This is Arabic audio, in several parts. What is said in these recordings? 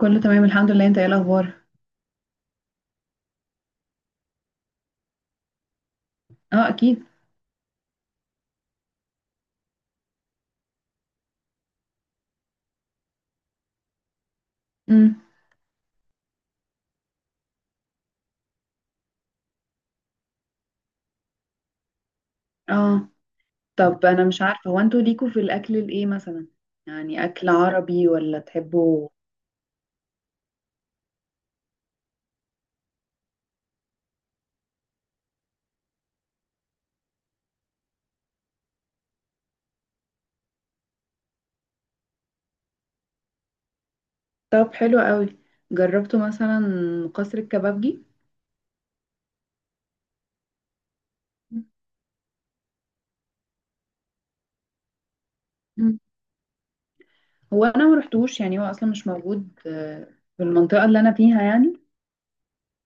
كله تمام، الحمد لله، انت ايه الاخبار؟ اه، اكيد. امم. اه طب، انا مش عارفه، هو انتوا ليكوا في الاكل الايه مثلا؟ يعني اكل عربي، ولا تحبوا؟ طب، حلو قوي. جربتوا مثلا قصر الكبابجي؟ مم. هو انا ما رحتوش يعني، هو اصلا مش موجود في المنطقه اللي انا فيها يعني.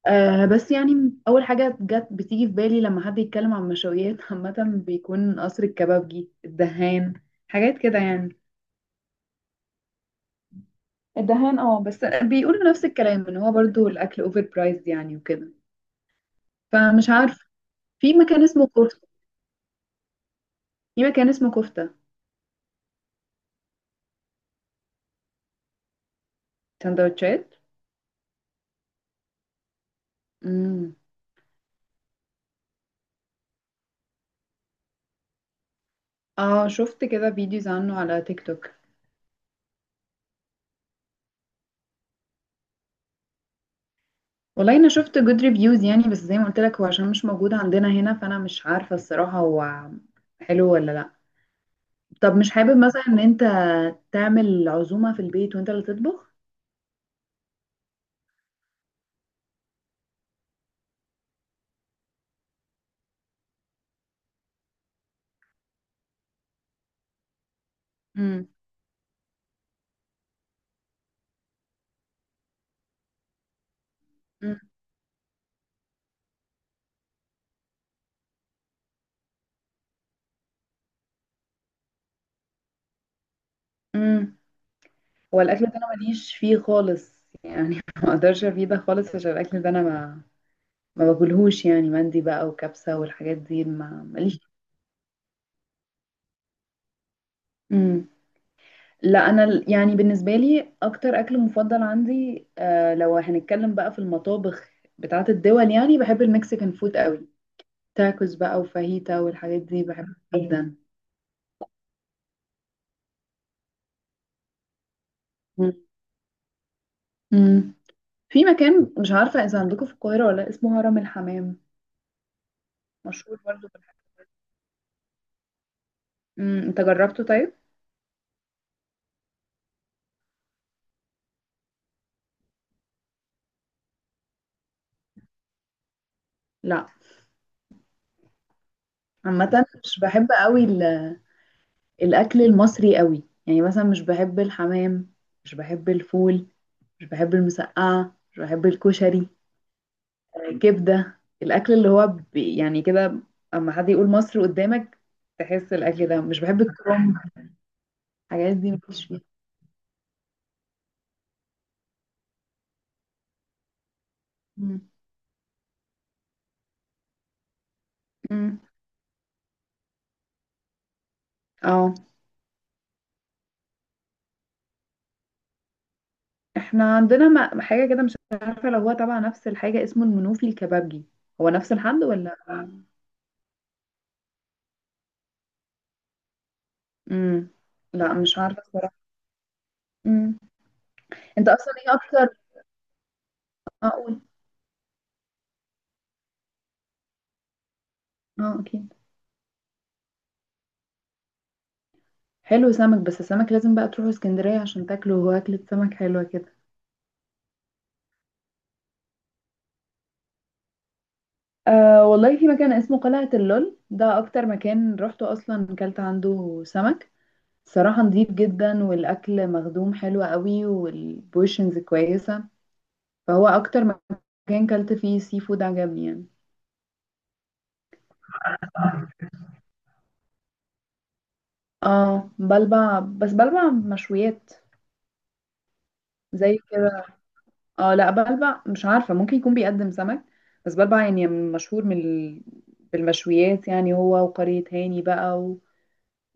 بس يعني اول حاجه بتيجي في بالي لما حد يتكلم عن مشويات عامه، بيكون قصر الكبابجي، الدهان، حاجات كده يعني. الدهان، بس بيقولوا نفس الكلام ان هو برضو الاكل اوفر برايسد يعني وكده. فمش عارف. في مكان اسمه كفته في مكان اسمه كفته. سندوتشات. امم. اه، شفت كده فيديوز عنه على تيك توك. والله انا شفت جود ريفيوز يعني، بس زي ما قلت لك، هو عشان مش موجود عندنا هنا، فانا مش عارفه الصراحه، هو حلو ولا لا. طب، مش حابب مثلا ان انت تعمل عزومه في البيت، وانت اللي تطبخ؟ امم. امم. امم. هو الاكل ده انا ماليش فيه خالص يعني، ما اقدرش افيدك خالص، عشان الاكل ده انا ما باكلهوش يعني، مندي بقى وكبسة والحاجات دي ما ماليش. امم. لا، انا يعني بالنسبة لي اكتر اكل مفضل عندي، لو هنتكلم بقى في المطابخ بتاعة الدول يعني، بحب المكسيكان فود قوي. تاكوز بقى وفاهيتا والحاجات دي بحبها جدا. مم. امم. في مكان، مش عارفة اذا عندكم في القاهرة ولا لأ، اسمه هرم الحمام. مشهور برضه بالحاجات. امم، انت جربته طيب؟ لا. عامة، مش بحب قوي الاكل المصري قوي يعني، مثلا مش بحب الحمام، مش بحب الفول، مش بحب المسقعة، مش بحب الكشري. كبدة، الأكل اللي هو يعني كده. أما حد يقول مصر قدامك، تحس الأكل ده، مش بحب الكرنب. الحاجات دي مفيش فيها. مم. مم. اه احنا عندنا حاجة كده، مش عارفة لو هو تبع نفس الحاجة، اسمه المنوفي الكبابجي، هو نفس الحد ولا؟ مم. لا، مش عارفة الصراحة. مم. انت أصلا ايه أكتر أقول؟ اه، أكيد. حلو، سمك. بس السمك لازم بقى تروحوا اسكندرية عشان تاكلوا، هو أكلة سمك حلوة كده. أه، والله في مكان اسمه قلعة اللول، ده أكتر مكان روحته، أصلا كلت عنده سمك، صراحة نضيف جدا، والأكل مخدوم حلو قوي والبوشنز كويسة. فهو أكتر مكان كلت فيه سي فود، عجبني يعني. اه، بلبع، بس بلبع مشويات، زي كده. اه، لا، بلبع مش عارفة، ممكن يكون بيقدم سمك. بس بلبع يعني مشهور بالمشويات يعني، هو وقرية هاني بقى.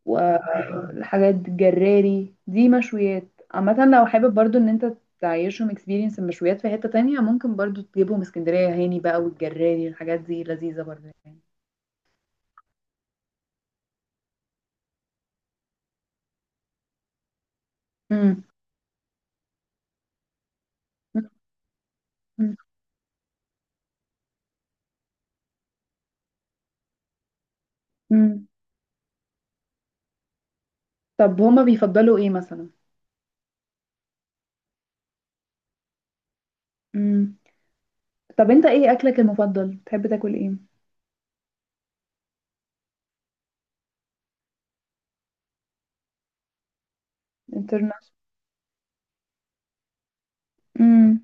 والحاجات الجراري دي مشويات. عامة لو حابب برضو ان انت تعيشهم اكسبيرينس المشويات في حتة تانية، ممكن برضو تجيبهم اسكندرية، هاني بقى والجراري الحاجات دي لذيذة برضو يعني. مم. مم. مم. طب، هما بيفضلوا ايه مثلا؟ مم. طب، انت ايه اكلك المفضل؟ بتحب تاكل ايه؟ انترناشونال؟ امم.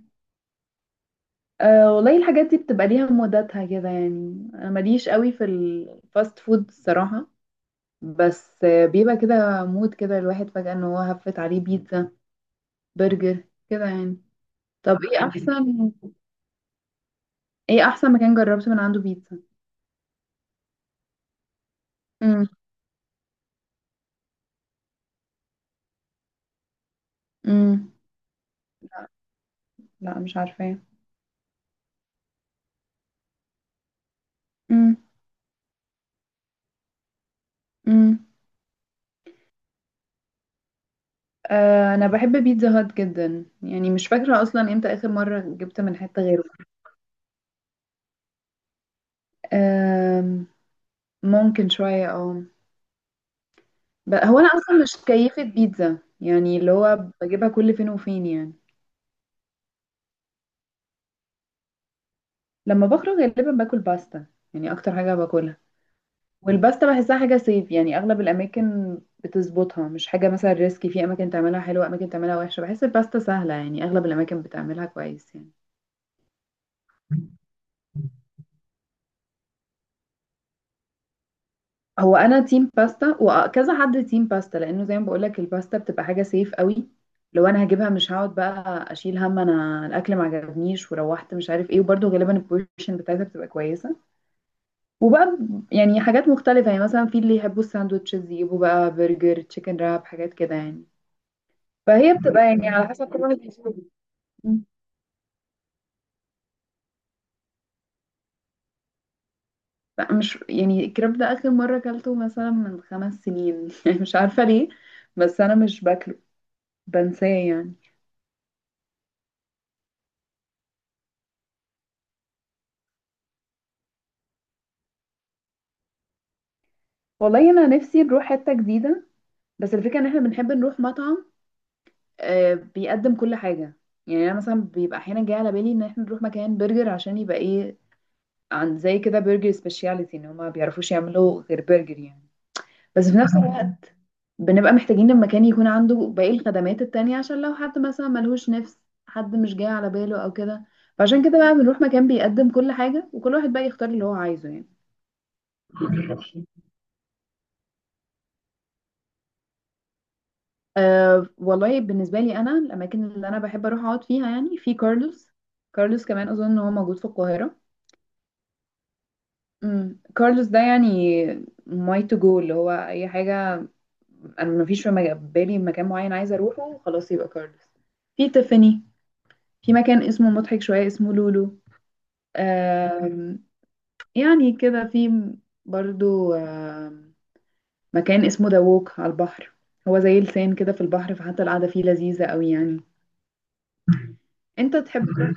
أه، والله الحاجات دي بتبقى ليها موداتها كده يعني، انا ماليش قوي في الفاست فود الصراحة. بس بيبقى كده مود كده، الواحد فجأة ان هو هفت عليه بيتزا، برجر، كده يعني. طب، ايه احسن، ايه احسن مكان جربت من عنده بيتزا؟ امم. امم. لا، لا، مش عارفة. امم. امم. آه، انا بحب بيتزا هات جدا يعني، مش فاكرة اصلا امتى اخر مرة جبت من حتة غيره. آه، ممكن شوية اه هو انا اصلا مش كيفة بيتزا يعني، اللي هو بجيبها كل فين وفين يعني. لما بخرج غالبا باكل باستا، يعني اكتر حاجة باكلها. والباستا بحسها حاجة صيف يعني، أغلب الأماكن بتظبطها، مش حاجة مثلا ريسكي، في أماكن تعملها حلوة، أماكن تعملها وحشة، بحس الباستا سهلة يعني، أغلب الأماكن بتعملها كويس يعني. هو أنا تيم باستا، وكذا حد تيم باستا لأنه زي ما بقولك، الباستا بتبقى حاجة صيف قوي. لو أنا هجيبها مش هقعد بقى أشيل هم أنا الأكل ما عجبنيش وروحت مش عارف إيه، وبرده غالبا البورشن بتاعتها بتبقى كويسة. وبقى، يعني حاجات مختلفة يعني، مثلا في اللي يحبوا الساندوتشز يجيبوا بقى برجر، تشيكن راب، حاجات كده يعني. فهي بتبقى يعني على حسب كل واحد بيشوف. مم. لا، مش يعني، الكريب ده اخر مره اكلته مثلا من 5 سنين يعني، مش عارفه ليه، بس انا مش باكله، بنساه يعني. والله انا نفسي نروح حته جديده، بس الفكره ان احنا بنحب نروح مطعم بيقدم كل حاجه. يعني انا مثلا بيبقى احيانا جاي على بالي ان احنا نروح مكان برجر عشان يبقى ايه، عن زي كده برجر سبيشاليتي ان هما ما بيعرفوش يعملوا غير برجر يعني. بس في نفس، فاهمة، الوقت، بنبقى محتاجين المكان يكون عنده باقي الخدمات التانية، عشان لو حد مثلا ملهوش نفس، حد مش جاي على باله او كده. فعشان كده بقى بنروح مكان بيقدم كل حاجة، وكل واحد بقى يختار اللي هو عايزه يعني. أه، والله بالنسبة لي، أنا الأماكن اللي أنا بحب أروح أقعد فيها يعني، في كارلوس. كارلوس كمان أظن إن هو موجود في القاهرة. امم، كارلوس ده يعني، ماي تو جو، اللي هو أي حاجة. أنا مفيش في بالي مكان معين عايزة أروحه، خلاص يبقى كارلوس، في تيفاني، في مكان اسمه مضحك شوية، اسمه لولو، آم، يعني كده في، برضو مكان اسمه دووك على البحر، هو زي لسان كده في البحر، فحتى القعدة فيه لذيذة قوي يعني. انت تحب، مم.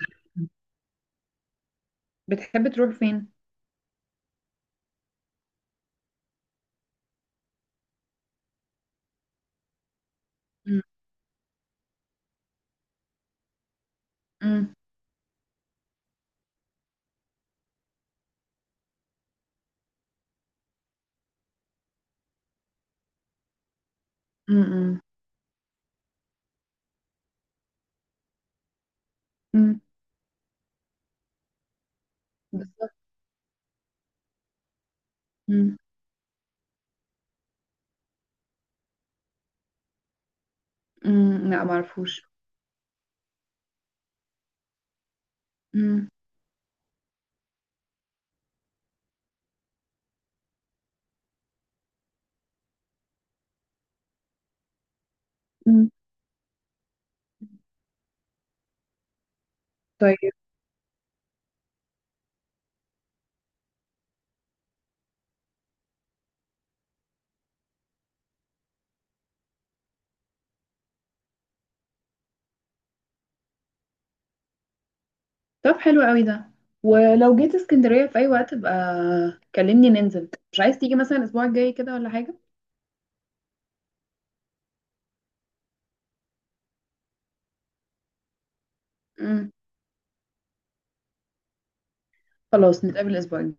بتحب تروح فين؟ مم، مم، مم، مم. بالظبط. مم، مم، لا معرفوش. مم. مم. طيب. طب، حلو قوي ده، ولو جيت اسكندرية في أي وقت بقى كلمني ننزل. مش عايز تيجي مثلا الأسبوع الجاي كده ولا حاجة؟ مم. خلاص، نتقابل الأسبوع الجاي.